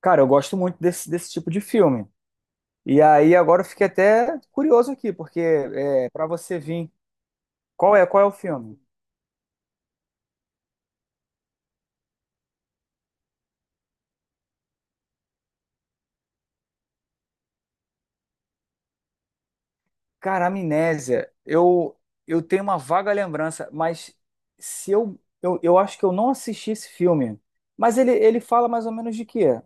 Cara, eu gosto muito desse tipo de filme. E aí agora eu fiquei até curioso aqui, porque para você vir, qual é o filme? Cara, Amnésia, eu tenho uma vaga lembrança, mas se eu, eu acho que eu não assisti esse filme. Mas ele fala mais ou menos de quê?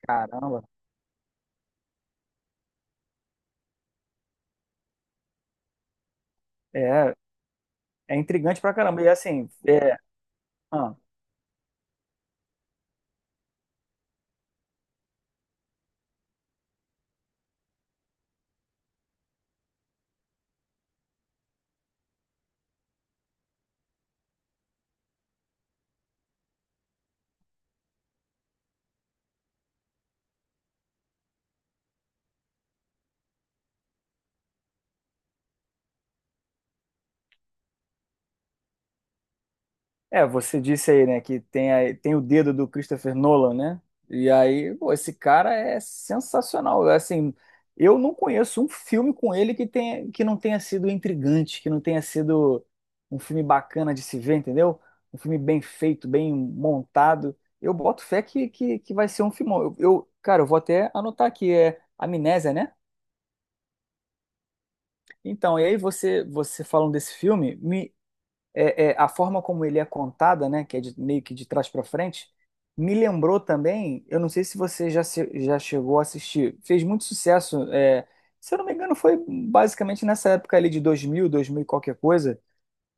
Caramba, é é intrigante pra caramba. E assim, ah. É, você disse aí, né, que tem, tem o dedo do Christopher Nolan, né? E aí, pô, esse cara é sensacional. Assim, eu não conheço um filme com ele que tenha, que não tenha sido intrigante, que não tenha sido um filme bacana de se ver, entendeu? Um filme bem feito, bem montado. Eu boto fé que vai ser um filmão. Cara, eu vou até anotar aqui, é Amnésia, né? Então, e aí você falando desse filme, a forma como ele é contada, né, que é meio que de trás para frente, me lembrou também, eu não sei se você já, já chegou a assistir, fez muito sucesso, se eu não me engano foi basicamente nessa época ali de 2000, 2000 e qualquer coisa,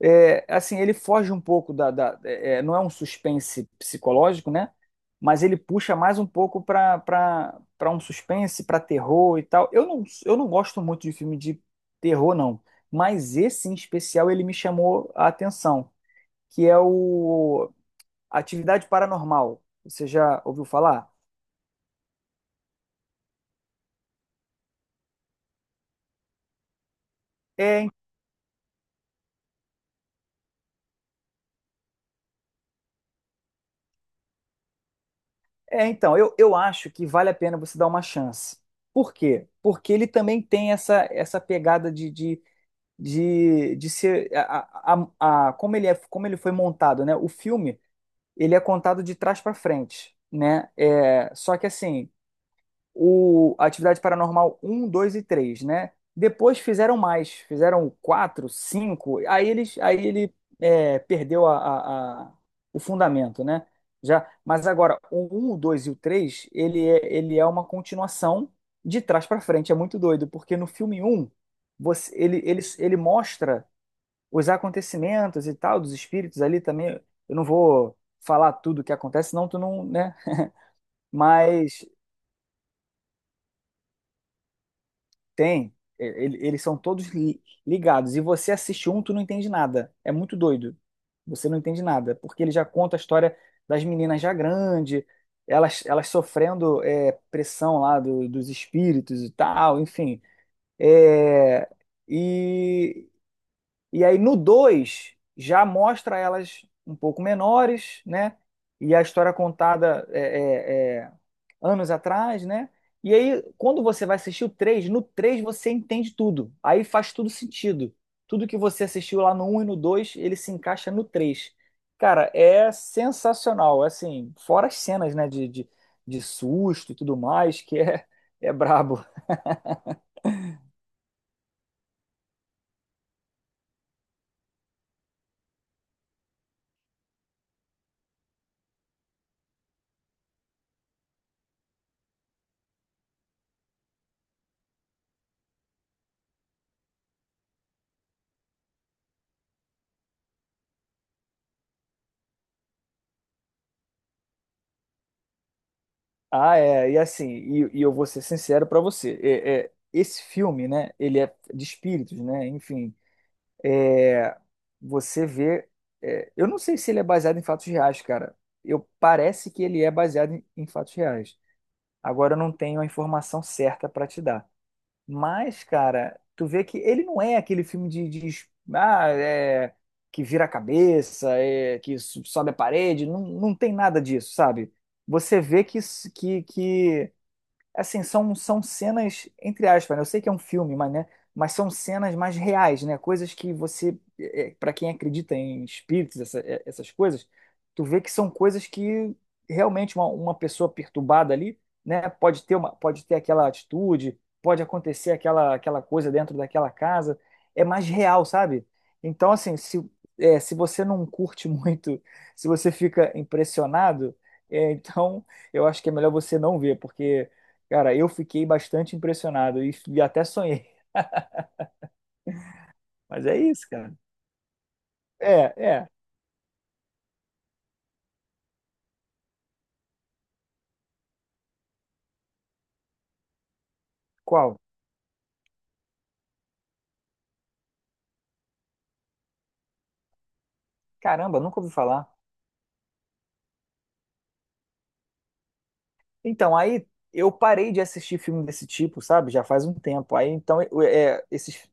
é, assim, ele foge um pouco da, não é um suspense psicológico, né? Mas ele puxa mais um pouco para um suspense, para terror e tal. Eu não gosto muito de filme de terror, não. Mas esse em especial ele me chamou a atenção, que é o Atividade Paranormal. Você já ouviu falar? É, então, eu acho que vale a pena você dar uma chance. Por quê? Porque ele também tem essa pegada de ser como ele é, como ele foi montado, né? O filme ele é contado de trás para frente, né? É, só que assim, o Atividade Paranormal um 2 e três, né? Depois fizeram mais, fizeram quatro, cinco, aí ele é, perdeu o fundamento, né? Já, mas agora o 1, o 2 e o 3, ele é uma continuação de trás para frente, é muito doido, porque no filme um você, ele mostra os acontecimentos e tal, dos espíritos ali também. Eu não vou falar tudo o que acontece, senão tu não, né? Mas tem. Eles são ligados. E você assiste um, tu não entende nada. É muito doido. Você não entende nada. Porque ele já conta a história das meninas já grande, elas sofrendo, é, pressão lá dos espíritos e tal, enfim. É, e E aí no 2 já mostra elas um pouco menores, né? E a história contada é, é, anos atrás, né? E aí, quando você vai assistir o 3, no 3 você entende tudo. Aí faz tudo sentido. Tudo que você assistiu lá no um e no 2, ele se encaixa no 3. Cara, é sensacional. É Assim, fora as cenas, né? De susto e tudo mais, que é brabo. Ah, é, e assim, e eu vou ser sincero pra você, esse filme, né, ele é de espíritos, né, enfim, você vê, é, eu não sei se ele é baseado em fatos reais, cara, eu parece que ele é baseado em fatos reais, agora eu não tenho a informação certa pra te dar, mas, cara, tu vê que ele não é aquele filme de es- ah, é, que vira a cabeça, é, sobe a parede, não, não tem nada disso, sabe? Você vê que assim, são cenas, entre aspas, né? Eu sei que é um filme, mas, né? Mas são cenas mais reais, né? Coisas que você, para quem acredita em espíritos, essas coisas, tu vê que são coisas que realmente uma pessoa perturbada ali, né? Pode ter uma, pode ter aquela atitude, pode acontecer aquela coisa dentro daquela casa, é mais real, sabe? Então, assim, se você não curte muito, se você fica impressionado, então eu acho que é melhor você não ver, porque cara, eu fiquei bastante impressionado e até sonhei. Mas é isso, cara. É, é. Qual? Caramba, nunca ouvi falar. Então, aí eu parei de assistir filme desse tipo, sabe? Já faz um tempo. Aí, então, esses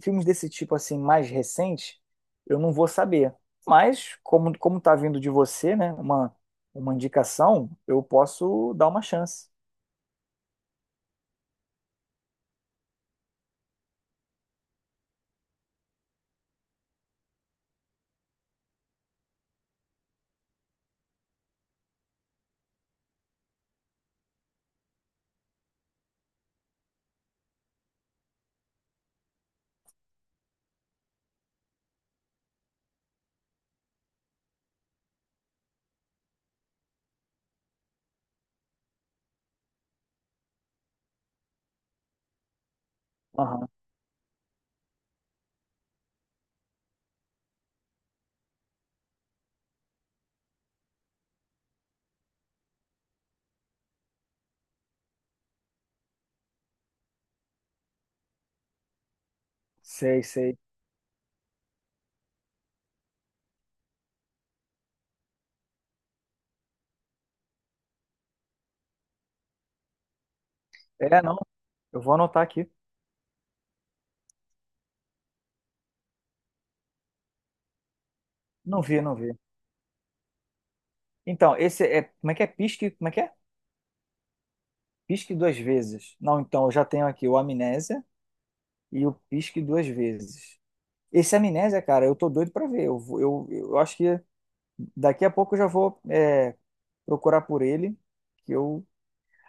filmes desse tipo, assim, mais recentes, eu não vou saber. Mas, como tá vindo de você, né? Uma indicação, eu posso dar uma chance. Aham. Sei, sei. É, não. Eu vou anotar aqui. Não vi, não vi. Então, esse é. Como é que é? Pisque? Como é que é? Pisque duas vezes. Não, então eu já tenho aqui o Amnésia e o Pisque duas vezes. Esse Amnésia, cara, eu tô doido pra ver. Eu acho que daqui a pouco eu já vou, é, procurar por ele. Que eu...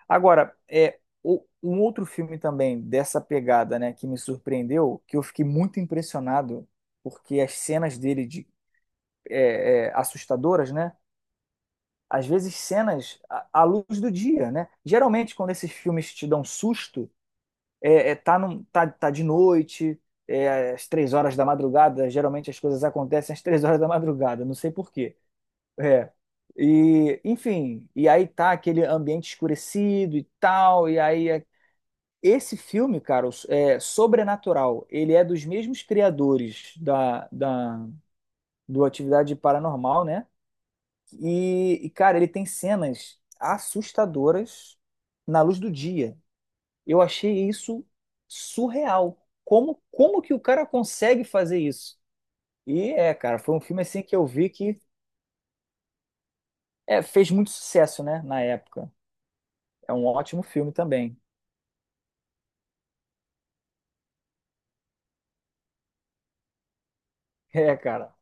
Agora, é, um outro filme também dessa pegada, né, que me surpreendeu, que eu fiquei muito impressionado, porque as cenas dele de, é, assustadoras, né? Às vezes cenas à luz do dia, né? Geralmente, quando esses filmes te dão susto, tá de noite, é, às três horas da madrugada, geralmente as coisas acontecem às três horas da madrugada, não sei por quê. É. E, enfim, e aí tá aquele ambiente escurecido e tal, e aí esse filme, cara, é Sobrenatural, ele é dos mesmos criadores do Atividade Paranormal, né? Cara, ele tem cenas assustadoras na luz do dia. Eu achei isso surreal. Como que o cara consegue fazer isso? E é, cara, foi um filme assim que eu vi que é, fez muito sucesso, né, na época. É um ótimo filme também. É, cara.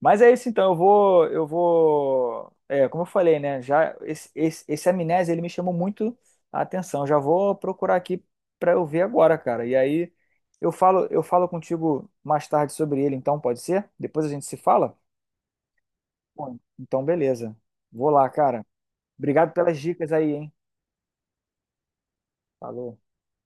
Mas é isso então, eu vou, é, como eu falei, né, já esse Amnésia, ele me chamou muito a atenção. Já vou procurar aqui pra eu ver agora, cara. E aí eu falo contigo mais tarde sobre ele, então pode ser? Depois a gente se fala? Bom, então beleza. Vou lá, cara. Obrigado pelas dicas aí, hein? Falou.